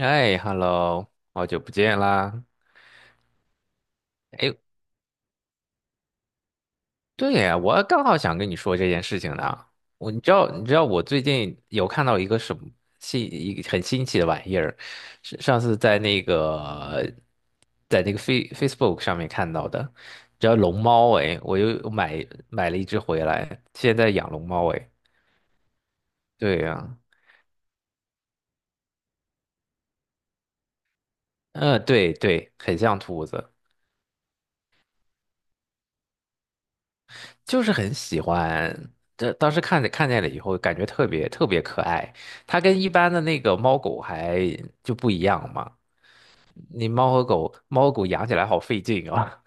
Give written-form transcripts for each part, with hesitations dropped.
哎，hello，好久不见啦！哎，对呀，我刚好想跟你说这件事情呢。我你知道，你知道我最近有看到一个什么新一个很新奇的玩意儿，是上次在那个Facebook 上面看到的，叫龙猫哎，我又买了一只回来，现在养龙猫哎。对呀，嗯，对对，很像兔子。就是很喜欢。这当时看见了以后，感觉特别特别可爱。它跟一般的那个猫狗不一样嘛。你猫和狗，猫和狗养起来好费劲啊。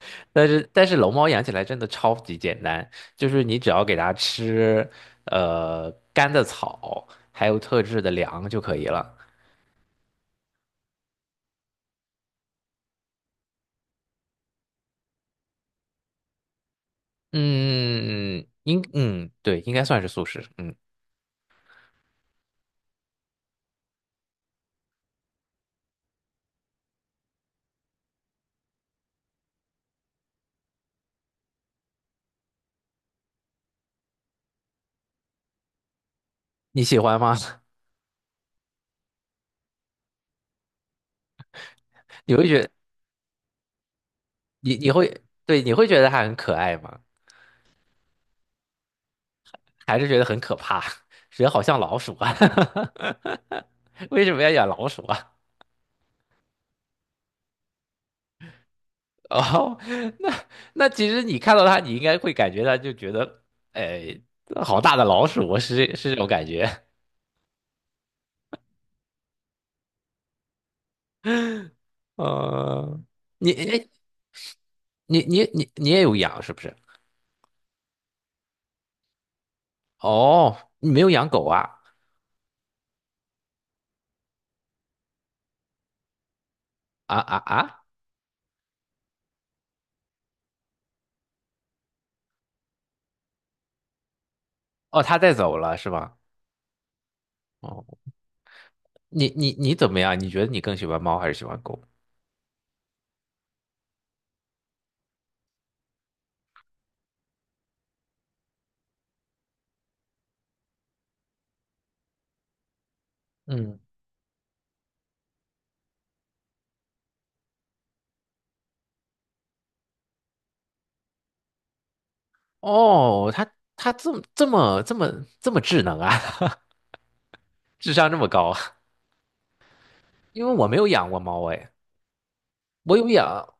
但是龙猫养起来真的超级简单，就是你只要给它吃干的草，还有特制的粮就可以了。嗯，应嗯对，应该算是素食。嗯，你喜欢吗？你会觉你你会对你会觉得它很可爱吗？还是觉得很可怕，人好像老鼠啊，为什么要养老鼠啊？哦，那其实你看到它，你应该会感觉到就觉得，哎，好大的老鼠啊，是这种感觉。嗯，你哎你也有养是不是？哦，你没有养狗啊？啊啊啊！哦，它带走了是吧？哦，你你你怎么样？你觉得你更喜欢猫还是喜欢狗？嗯，哦，它它这么这么这么这么智能啊！智商这么高啊。 因为我没有养过猫哎，我有养，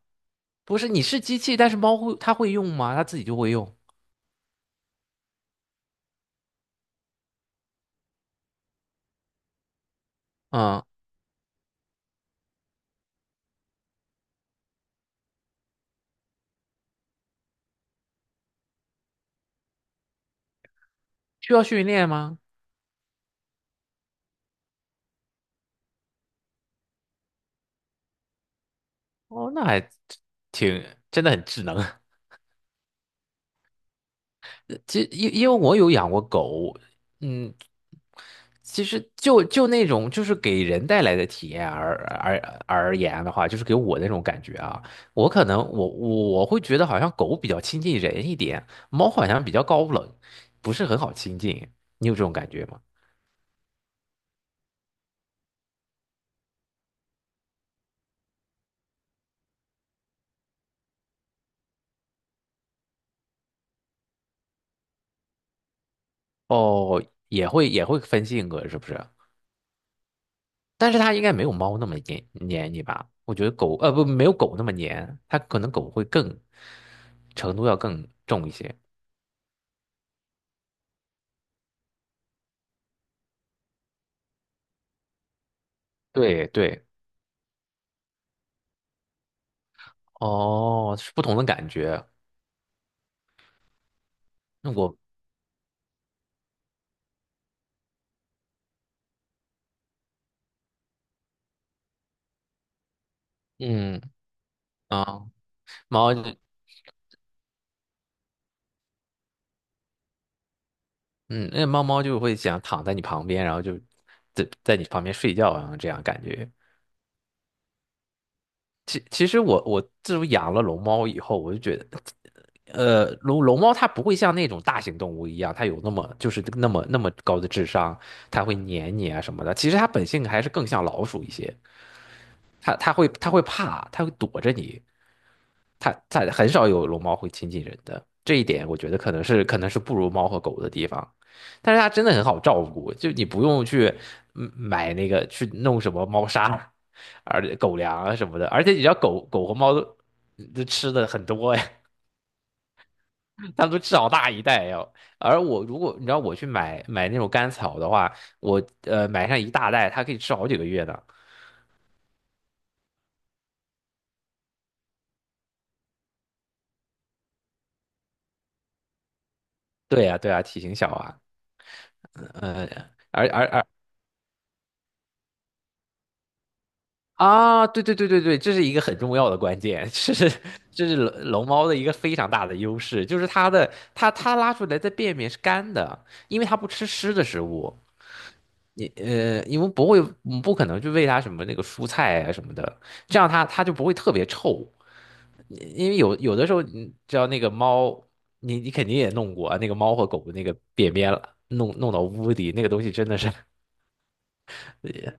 不是你是机器，但是它会用吗？它自己就会用，嗯，需要训练吗？哦，那还挺真的很智能。其实因为我有养过狗，嗯，其实那种就是给人带来的体验而言的话，就是给我那种感觉啊，我可能我会觉得好像狗比较亲近人一点，猫好像比较高冷，不是很好亲近，你有这种感觉吗？哦，也会分性格是不是？但是它应该没有猫那么黏你吧？我觉得狗呃不没有狗那么黏，它可能狗会更程度要更重一些。对对，哦，是不同的感觉。那我嗯啊，猫就猫猫就会想躺在你旁边，然后就在你旁边睡觉啊，然后这样感觉。其实我自从养了龙猫以后，我就觉得，呃，龙猫它不会像那种大型动物一样，它有那么就是那么那么高的智商，它会黏你啊什么的。其实它本性还是更像老鼠一些，它会怕，它会躲着你。它很少有龙猫会亲近人的，这一点我觉得可能是不如猫和狗的地方。但是它真的很好照顾，就你不用去嗯买那个去弄什么猫砂，而且狗粮啊什么的，而且你知道狗狗和猫都吃的很多呀，它们都吃好大一袋呀。而我如果你知道我去买那种干草的话，我买上一大袋，它可以吃好几个月呢。对呀，对呀，体型小啊，嗯、而而而啊，对对对对对，这是一个很重要的关键，这是龙猫的一个非常大的优势，就是它拉出来的便便是干的，因为它不吃湿的食物，因为不会嗯不可能去喂它什么那个蔬菜啊什么的，这样它就不会特别臭，因为有的时候你知道那个猫，你肯定也弄过啊那个猫和狗的那个便便了，弄到屋里那个东西真的是。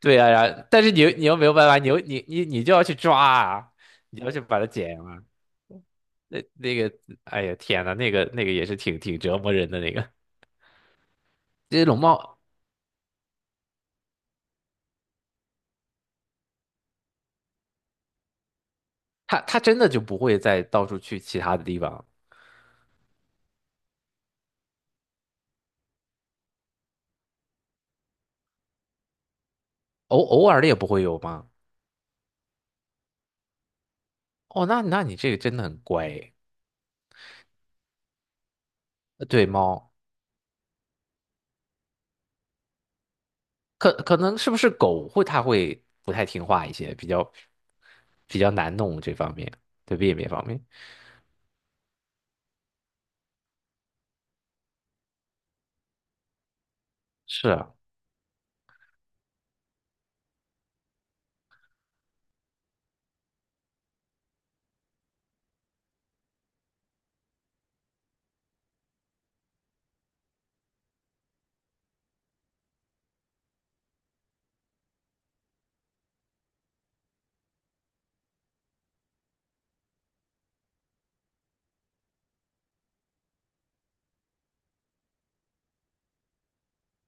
对呀、然后但是你又没有办法，你又你你你就要去抓啊，你要去把它剪啊。那个，哎呀天呐，那个也是挺折磨人的那个。这些龙猫，它真的就不会再到处去其他的地方，偶尔的也不会有吗？哦，那那你这个真的很乖诶。呃对猫，可能是不是狗会它会不太听话一些，比较难弄这方面，对便便方面。是啊。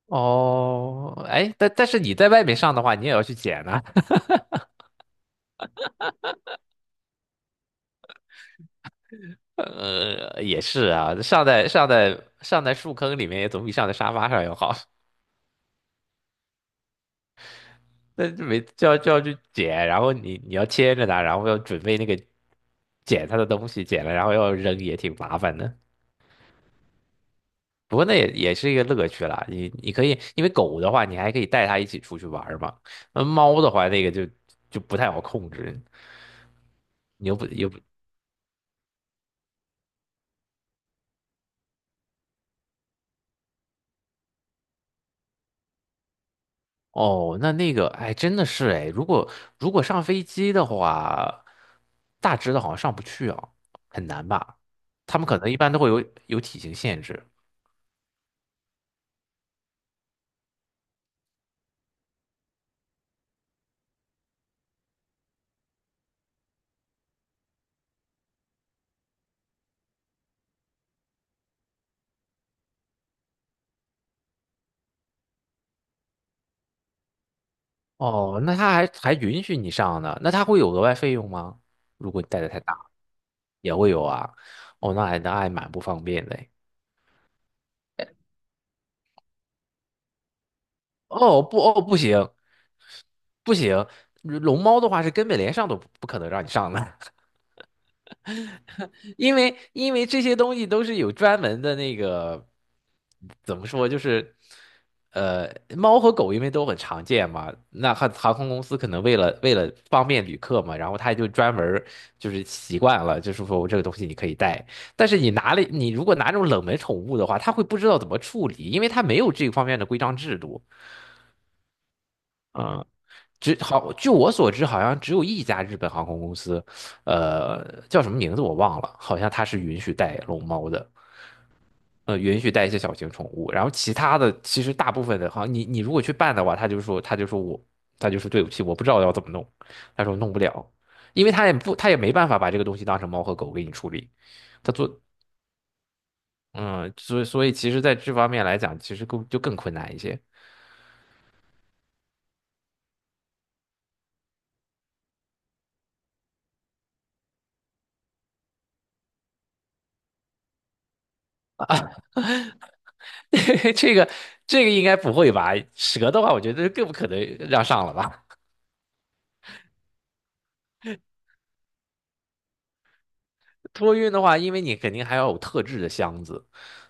哦，哎，但是你在外面上的话，你也要去捡啊。呃，也是啊，上在树坑里面也总比上在沙发上要好。那就没就要就要去捡，然后你要牵着它，然后要准备那个捡它的东西，捡了然后要扔，也挺麻烦的。不过那也是一个乐趣啦，你可以，因为狗的话，你还可以带它一起出去玩儿嘛。那猫的话，就不太好控制，你又不又不。哦，那那个，哎，真的是哎，如果上飞机的话，大只的好像上不去啊，很难吧？他们可能一般都会有体型限制。哦，那他还允许你上呢，那他会有额外费用吗？如果你带的太大，也会有啊。哦，那还蛮不方便的哎。哦不行，不行，龙猫的话是根本连上都不可能让你上的。因为这些东西都是有专门的那个，怎么说就是，呃，猫和狗因为都很常见嘛，那航空公司可能为了方便旅客嘛，然后他就专门儿就是习惯了，就是说我这个东西你可以带，但是你拿了你如果拿这种冷门宠物的话，他会不知道怎么处理，因为他没有这方面的规章制度。只好，据我所知，好像只有一家日本航空公司，呃，叫什么名字我忘了，好像它是允许带龙猫的，呃，允许带一些小型宠物。然后其他的，其实大部分的，好像你你如果去办的话，他就说对不起，我不知道要怎么弄，他说弄不了，因为他也没办法把这个东西当成猫和狗给你处理，他做。嗯，所以所以其实在这方面来讲，其实更困难一些。这个这个应该不会吧？蛇的话，我觉得更不可能让上了吧。托运的话，因为你肯定还要有特制的箱子，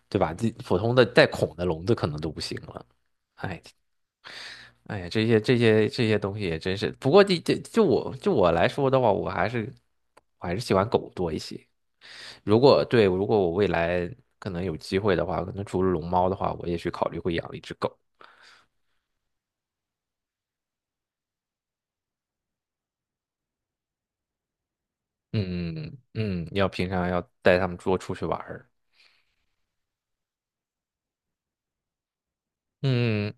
对吧？这普通的带孔的笼子可能都不行了。哎，哎呀，这些这些这些东西也真是。不过就我来说的话，我还是喜欢狗多一些。如果对，如果我未来可能有机会的话，可能除了龙猫的话，我也许考虑会养一只狗。嗯嗯，嗯要平常要带它们多出去玩儿。嗯。嗯嗯。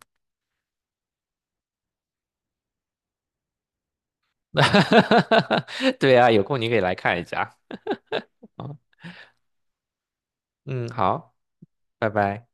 哈哈哈。对啊，有空你可以来看一下。嗯，好，拜拜。